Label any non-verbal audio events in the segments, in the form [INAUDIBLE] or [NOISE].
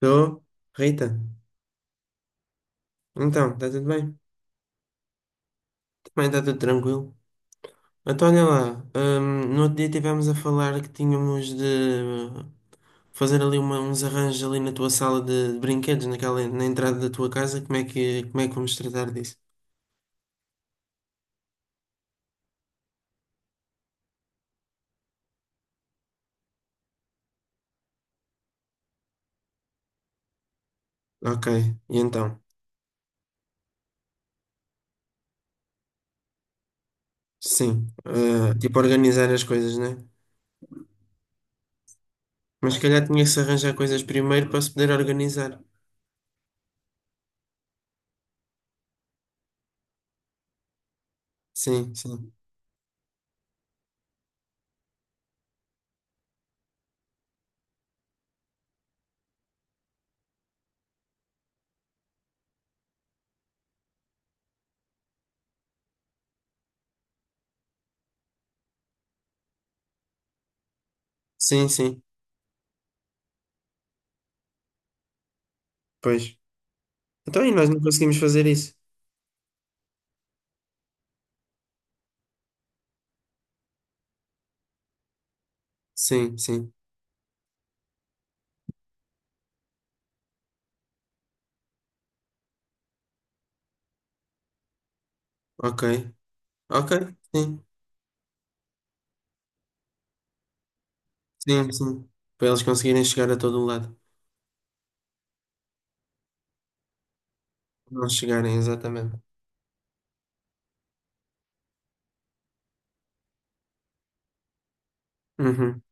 Tô. Rita, então, está tudo bem? Também está tudo tranquilo. Então, olha lá, no outro dia estivemos a falar que tínhamos de fazer ali uns arranjos ali na tua sala de brinquedos, naquela, na entrada da tua casa. Como é que vamos tratar disso? Ok, e então? Sim, eh, tipo organizar as coisas, né? Mas se calhar tinha que se arranjar coisas primeiro para se poder organizar. Sim, sim. Sim, sim. Pois. Então, e nós não conseguimos fazer isso? Sim, sim. Ok. Ok, sim, sim, sim. Para eles conseguirem chegar a todo o lado. Não chegarem, exatamente. Uhum.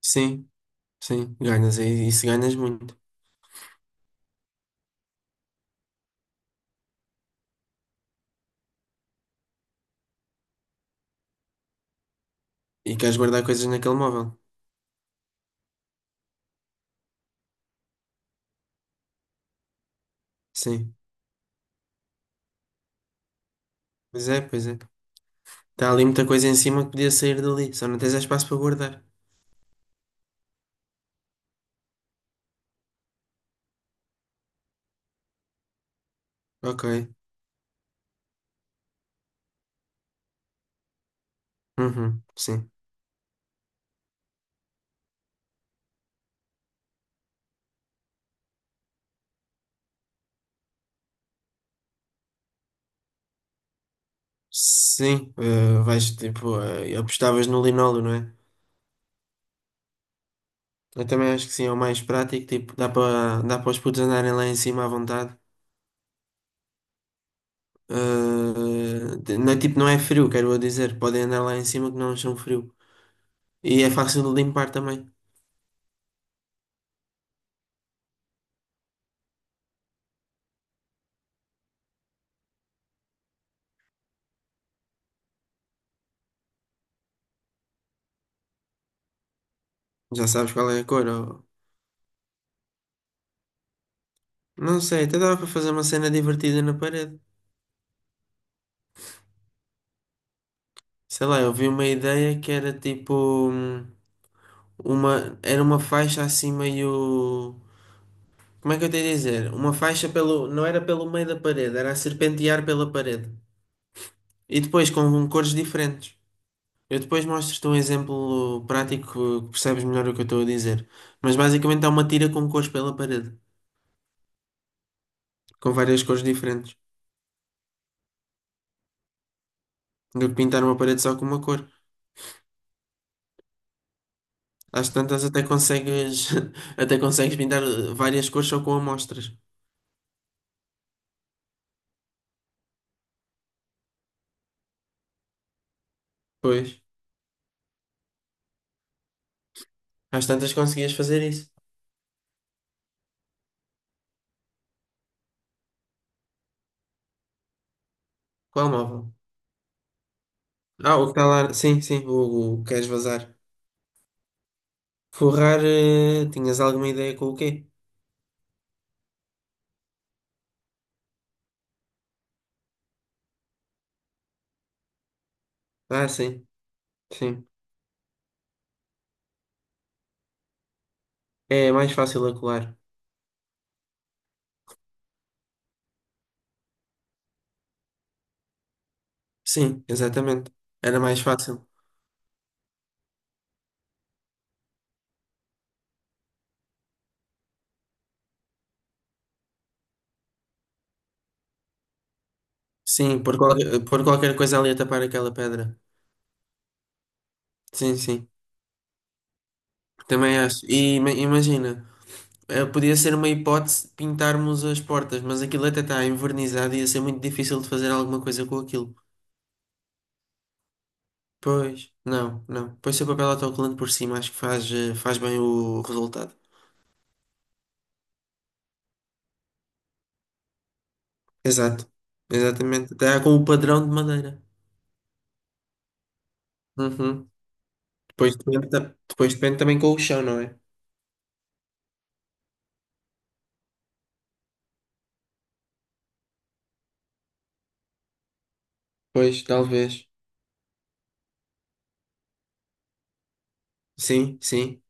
Sim, sim, ganhas. E isso ganhas muito. E queres guardar coisas naquele móvel. Sim, pois é, pois é. Está ali muita coisa em cima que podia sair dali. Só não tens espaço para guardar. Ok, uhum. Sim. Sim, eh, vais tipo, eh, apostavas no linóleo, não é? Eu também acho que sim, é o mais prático. Tipo, dá para os putos andarem lá em cima à vontade. Ah, não é tipo, não é frio, quero eu dizer. Podem andar lá em cima que não acham frio. E é fácil de limpar também. Já sabes qual é a cor. Não sei, até dava para fazer uma cena divertida na parede. Sei lá, eu vi uma ideia que era tipo hum, uma, era uma faixa assim meio Como é que eu tenho a dizer? Uma faixa pelo, não era pelo meio da parede, era a serpentear pela parede. E depois com um cores diferentes. Eu depois mostro-te um exemplo prático que percebes melhor o que eu estou a dizer. Mas basicamente há uma tira com cores pela parede, com várias cores diferentes. Do que pintar uma parede só com uma cor. Às tantas até consegues [LAUGHS] até consegues pintar várias cores só com amostras. Pois. Às tantas conseguias fazer isso. Qual móvel? Ah, o que está lá. Sim, sim, o que queres vazar. Forrar, eh, tinhas alguma ideia com o quê? Ah, sim, sim. É mais fácil a colar. Sim, exatamente. Era mais fácil. Sim, por qualquer coisa ali a tapar aquela pedra. Sim, sim. Também acho. E imagina, eh, podia ser uma hipótese pintarmos as portas, mas aquilo até está envernizado e ia ser muito difícil de fazer alguma coisa com aquilo. Pois, não, não. Pois se o papel autocolante por cima, acho que faz, eh, faz bem o resultado. Exato, exatamente. Está com o padrão de madeira. Uhum. Depois depende, depois depende também com o chão, não é? Pois, talvez. Sim, sim.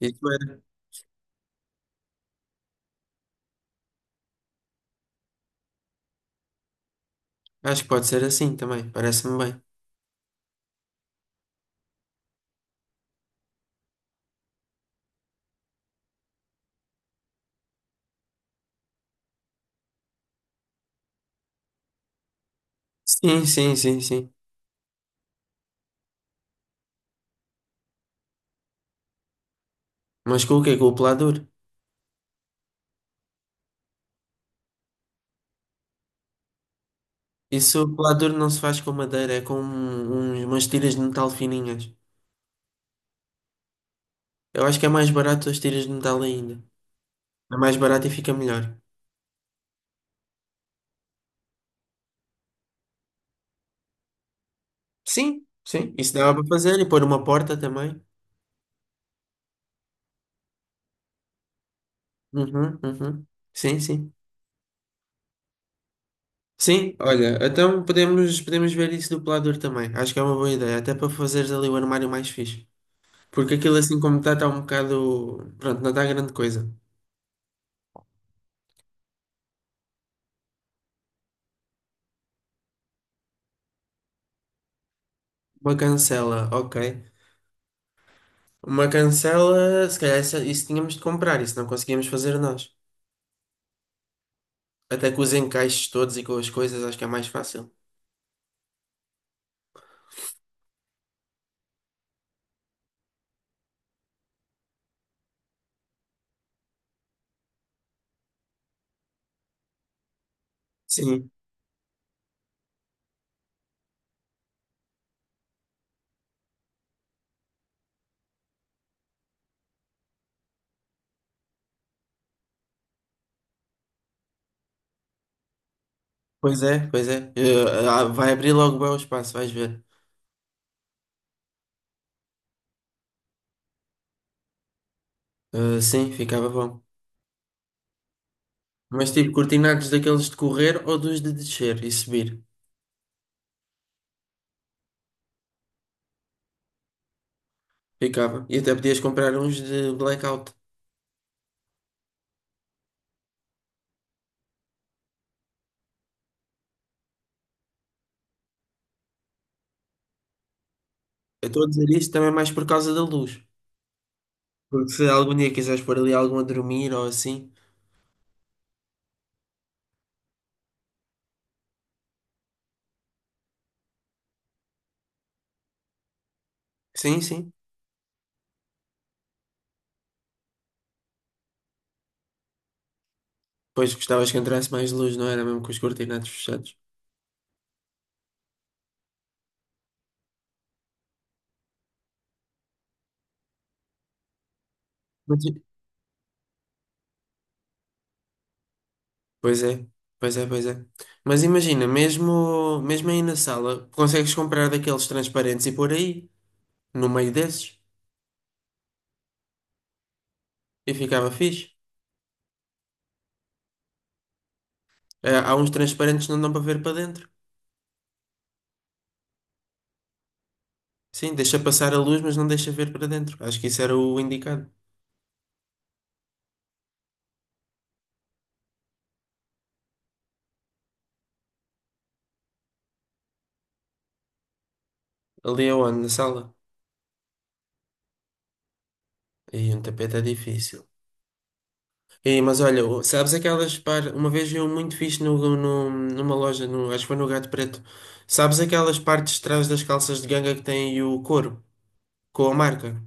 Isso era. Acho que pode ser assim também. Parece-me bem. Sim, sim, sim, sim. Mas com o quê? Com o pelador? Isso, o pelador não se faz com madeira, é com umas tiras de metal fininhas. Eu acho que é mais barato as tiras de metal ainda. É mais barato e fica melhor. Sim, sim. Isso dava para fazer e pôr uma porta também. Uhum, uhum. Sim, sim. Sim, olha, então podemos, podemos ver isso do pelador também. Acho que é uma boa ideia, até para fazeres ali o armário mais fixe. Porque aquilo assim como está, está um bocado. Pronto, não está grande coisa. Uma cancela, ok. Uma cancela, se calhar isso tínhamos de comprar, isso não conseguíamos fazer nós. Até com os encaixes todos e com as coisas, acho que é mais fácil. Sim, pois é, pois é. Eh, ah, vai abrir logo bem o espaço, vais ver. Eh, sim, ficava bom. Mas tipo, cortinados daqueles de correr ou dos de descer e subir. Ficava. E até podias comprar uns de blackout. Eu estou a dizer isto também mais por causa da luz. Porque se algum dia quiseres pôr ali algum a dormir ou assim. Sim, sim. Pois gostavas que entrasse mais luz, não era mesmo com os cortinados fechados. Mas- i- Pois é, pois é, pois é. Mas imagina, mesmo, mesmo aí na sala, consegues comprar daqueles transparentes e pôr aí, no meio desses, e ficava fixe. Ah, há uns transparentes que não dão para ver para dentro. Sim, deixa passar a luz, mas não deixa ver para dentro. Acho que isso era o indicado. Ali é onde? Na sala? E um tapete é difícil. E, mas olha, sabes aquelas par... Uma vez eu muito fixe numa loja, acho que foi no Gato Preto. Sabes aquelas partes de trás das calças de ganga que têm o couro, com a marca?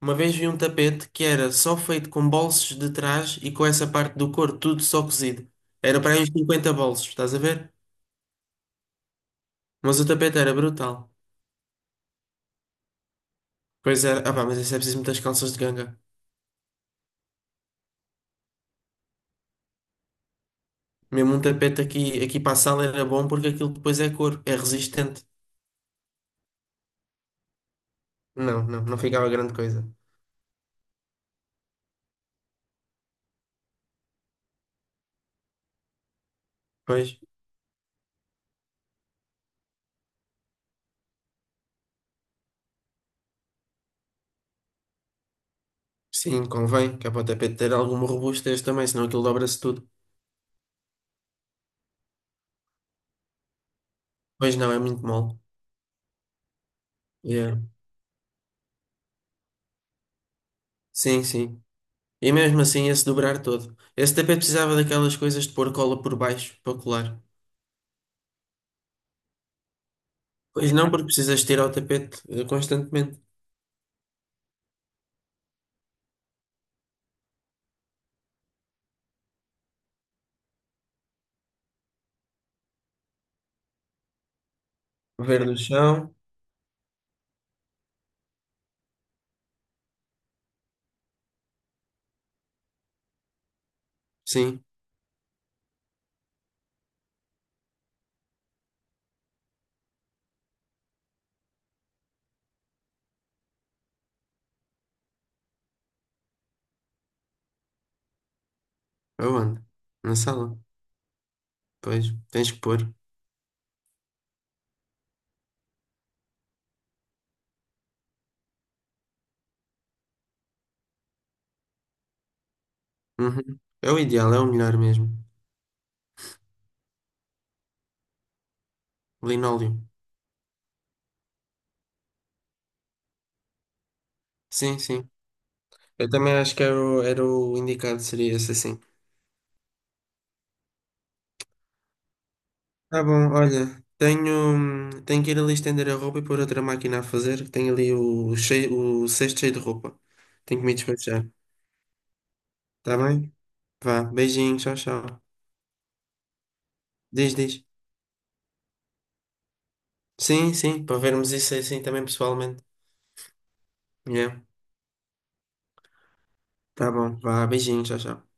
Uma vez vi um tapete que era só feito com bolsos de trás e com essa parte do couro, tudo só cozido. Era para aí uns 50 bolsos, estás a ver? Mas o tapete era brutal. Pois era, ah pá, mas isso é preciso muitas calças de ganga. Mesmo um tapete aqui, aqui para a sala era bom porque aquilo depois é couro, é resistente. Não, não, não ficava grande coisa. Pois, sim, convém, que é para o tapete ter alguma robustez também, senão aquilo dobra-se tudo. Pois não, é muito mole. Yeah. Sim, sim. E mesmo assim, se dobrar todo. Esse tapete precisava daquelas coisas de pôr cola por baixo para colar. Pois não, porque precisas tirar o tapete constantemente. Ver no chão, sim, aonde? Na sala. Pois, tens que pôr. Uhum. É o ideal, é o melhor mesmo. Linóleo. Sim, sim. Eu também acho que era era o indicado, seria esse assim. Tá bom, olha, tenho, tenho que ir ali estender a roupa e pôr outra máquina a fazer, que tem ali o, cheio, o cesto cheio de roupa. Tenho que me despachar, tá bem? Vá, beijinho, tchau, tchau. Diz, diz. Sim, sim, para vermos isso assim também pessoalmente. Yeah. Tá bom, vá, beijinho, tchau, tchau.